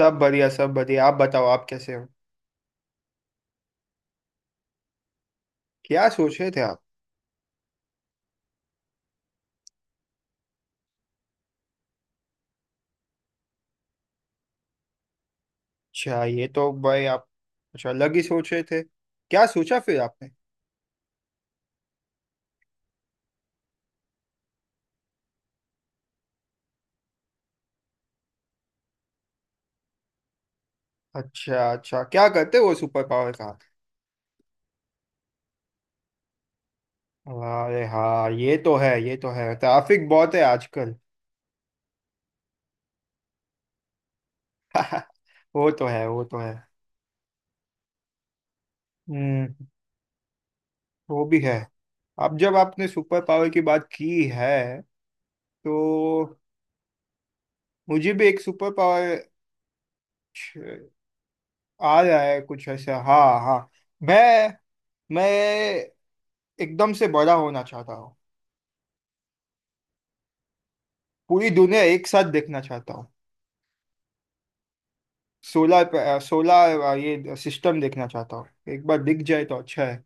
सब बढ़िया सब बढ़िया। आप बताओ, आप कैसे हो? क्या सोच रहे थे आप? अच्छा, ये तो भाई आप, अच्छा, अलग ही सोच रहे थे। क्या सोचा फिर आपने? अच्छा अच्छा, क्या करते हो सुपर पावर का? अरे हाँ, ये तो है, ये तो है। ट्रैफिक बहुत है आजकल। वो तो है, वो तो है। हम्म। वो भी है। अब जब आपने सुपर पावर की बात की है, तो मुझे भी एक सुपर पावर आ रहा है कुछ ऐसा। हाँ हाँ, मैं मैं एकदम से बड़ा होना चाहता हूँ। पूरी दुनिया एक साथ देखना चाहता हूँ। सोलर सोलर ये सिस्टम देखना चाहता हूँ। एक बार दिख जाए तो अच्छा है।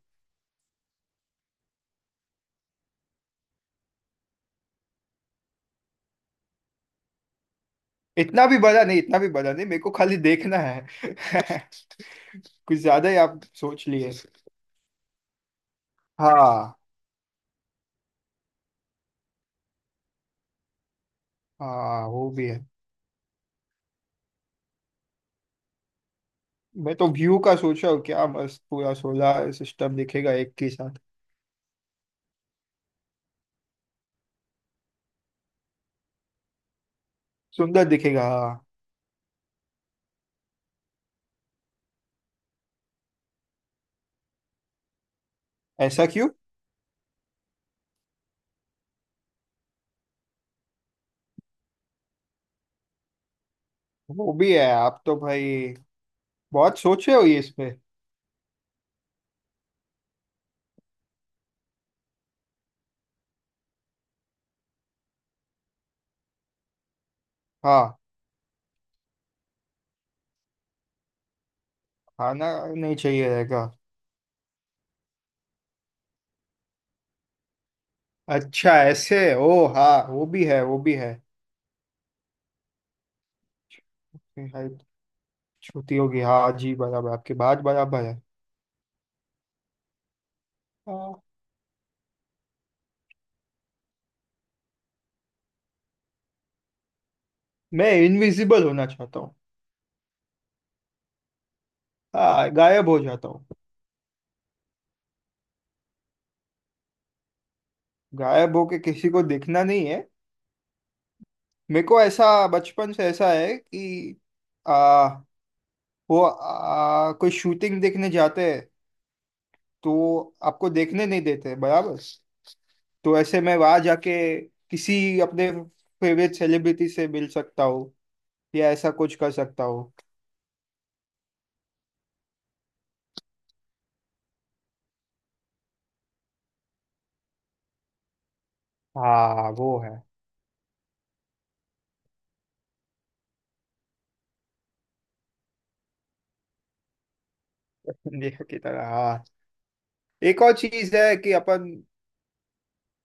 इतना भी बड़ा नहीं, इतना भी बड़ा नहीं, मेरे को खाली देखना है। कुछ ज्यादा ही आप सोच लिए। हाँ, हाँ, वो भी है। मैं तो व्यू का सोच रहा हूँ, क्या मस्त पूरा सोलर सिस्टम दिखेगा एक के साथ। सुंदर दिखेगा, हाँ। ऐसा क्यों? वो भी है। आप तो भाई बहुत सोचे हो ये इसमें। हाँ। खाना नहीं चाहिए रहेगा। अच्छा, ऐसे। ओ हाँ, वो भी है, वो भी है। हाइट छोटी होगी, हाँ जी, बराबर, आपकी बात बराबर है। हाँ। मैं इनविजिबल होना चाहता हूँ। हाँ, गायब हो जाता हूँ। गायब होके किसी को दिखना नहीं है। मेरे को ऐसा बचपन से ऐसा है कि आ, वो कोई शूटिंग देखने जाते हैं। तो आपको देखने नहीं देते, बराबर। तो ऐसे मैं वहां जाके किसी अपने फेवरेट सेलिब्रिटी से मिल सकता हूँ। या ऐसा कुछ कर सकता हूँ। हाँ, वो है। इंडिया की तरह, हाँ। एक और चीज है कि अपन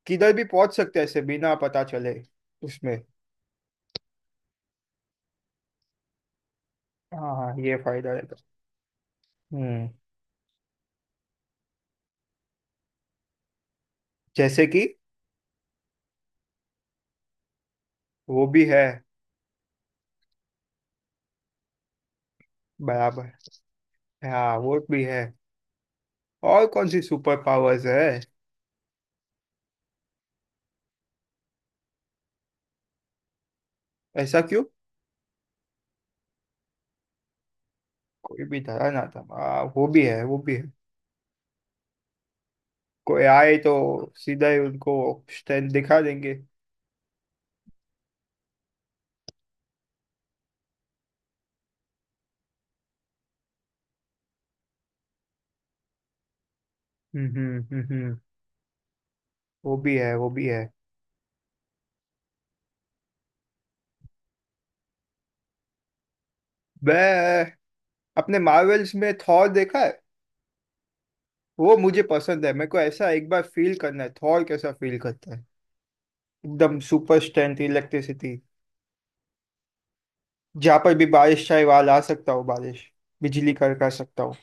किधर भी पहुंच सकते हैं ऐसे, बिना पता चले। उसमें हाँ हाँ, ये फायदा है। हम्म। जैसे कि, वो भी है। बराबर, हाँ, वो भी है। और कौन सी सुपर पावर्स है? ऐसा क्यों? कोई भी धरा ना था, हाँ वो भी है, वो भी है। कोई आए तो सीधा ही उनको स्टैंड दिखा देंगे। हम्म, हम्म, हम्म, वो भी है, वो भी है। मैं अपने मार्वल्स में थॉर देखा है। वो मुझे पसंद है, मेरे को ऐसा एक बार फील करना है थॉर कैसा फील करता है। एकदम सुपर स्ट्रेंथ, इलेक्ट्रिसिटी। जहाँ पर भी बारिश चाहे वहां ला सकता हूँ बारिश। बिजली करका सकता हूँ।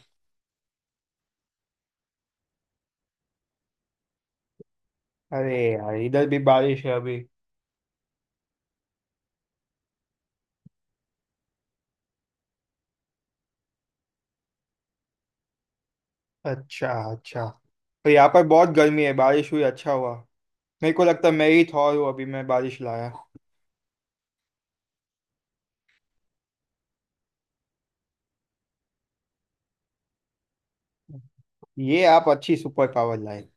अरे यार, इधर भी बारिश है अभी। अच्छा अच्छा। तो यहाँ पर बहुत गर्मी है, बारिश हुई, अच्छा हुआ। मेरे को लगता है मैं ही थॉर हूँ, अभी मैं बारिश लाया। ये आप अच्छी सुपर पावर लाए।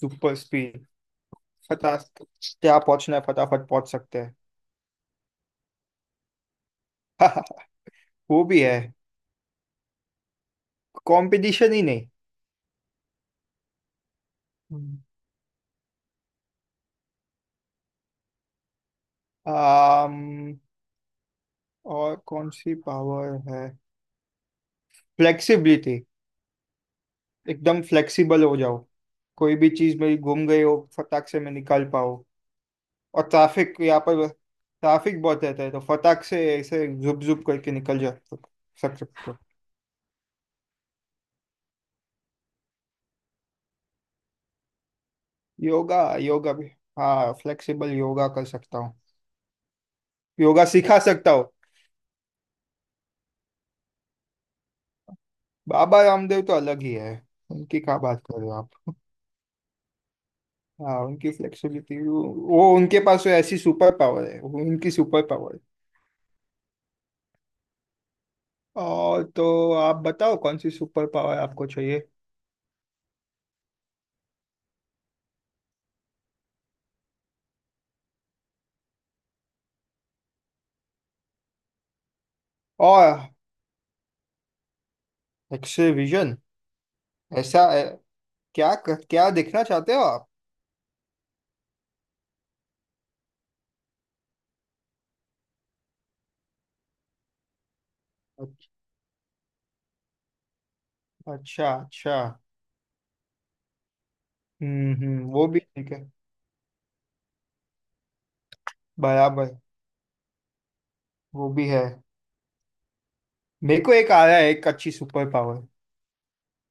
Super speed. फटाफट, क्या पहुंचना है फटाफट पहुंच सकते हैं। वो भी है, कंपटीशन ही नहीं। आम, और कौन सी पावर है? फ्लेक्सिबिलिटी। एकदम फ्लेक्सिबल हो जाओ। कोई भी चीज मेरी घूम गई हो फटाक से मैं निकाल पाओ। और ट्रैफिक, यहाँ पर ट्रैफिक बहुत रहता है, तो फटाक से ऐसे जुप जुप करके निकल जा सक सकते हो। योगा, योगा भी। हाँ, फ्लेक्सिबल योगा कर सकता हूँ। योगा सिखा सकता हूँ। बाबा रामदेव तो अलग ही है। उनकी क्या बात कर रहे हो आप? हाँ, उनकी फ्लेक्सिबिलिटी, वो उनके पास तो ऐसी सुपर पावर है, वो उनकी सुपर पावर। और तो आप बताओ कौन सी सुपर पावर आपको चाहिए? और, एक्से विजन। ऐसा क्या क्या देखना चाहते हो आप? अच्छा अच्छा। हम्म, हम्म, वो भी ठीक है। बराबर, वो भी है। मेरे को एक आ रहा है एक अच्छी सुपर पावर।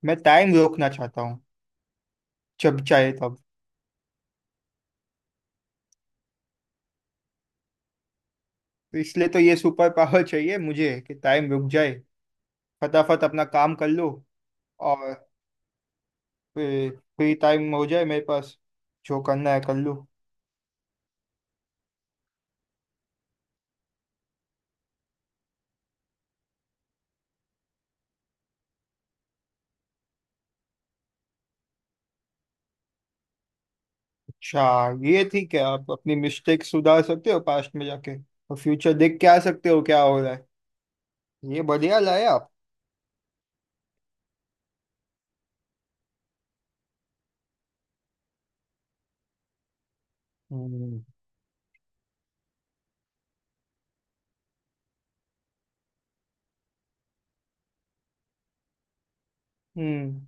मैं टाइम रोकना चाहता हूँ, जब चाहे तब। तो इसलिए तो ये सुपर पावर चाहिए मुझे, कि टाइम रुक जाए, फटाफट अपना काम कर लूँ। और फिर फ्री टाइम हो जाए मेरे पास, जो करना है कर लूँ। अच्छा, ये ठीक है। आप अपनी मिस्टेक सुधार सकते हो पास्ट में जाके। और फ्यूचर देख के आ सकते हो क्या हो रहा है। ये बढ़िया लाए आप। हम्म, हम्म।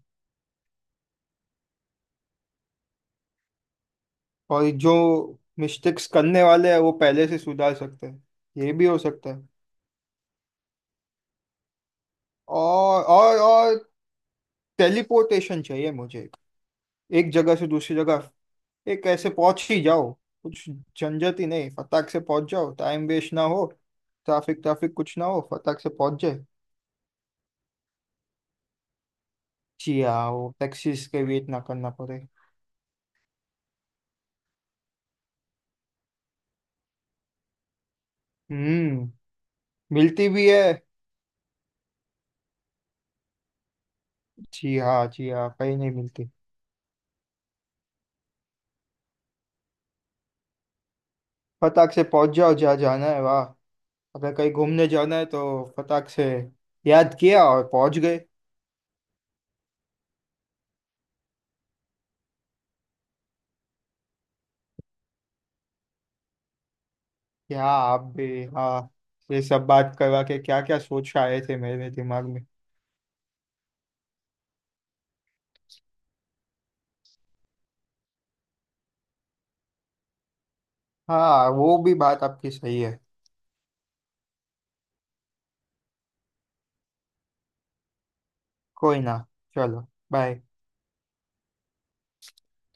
और जो मिस्टेक्स करने वाले हैं वो पहले से सुधार सकते हैं। ये भी हो सकता है। और टेलीपोर्टेशन चाहिए मुझे, एक जगह से दूसरी जगह, एक ऐसे पहुंच ही जाओ। कुछ झंझट ही नहीं, फटाक से पहुंच जाओ, टाइम वेस्ट ना हो। ट्रैफिक ट्रैफिक कुछ ना हो, फटाक से पहुंच जाए। जी हाँ, वो टैक्सीज के वेट ना करना पड़े। हम्म। मिलती भी है। जी हाँ, जी हाँ, कहीं नहीं मिलती। फटाक से पहुंच जाओ जहाँ जाना है, वाह। अगर कहीं घूमने जाना है तो फटाक से याद किया और पहुंच गए। क्या आप भी, हाँ। ये सब बात करवा के क्या क्या सोच आए थे मेरे दिमाग में। हाँ, वो भी बात आपकी सही है। कोई ना, चलो। बाय।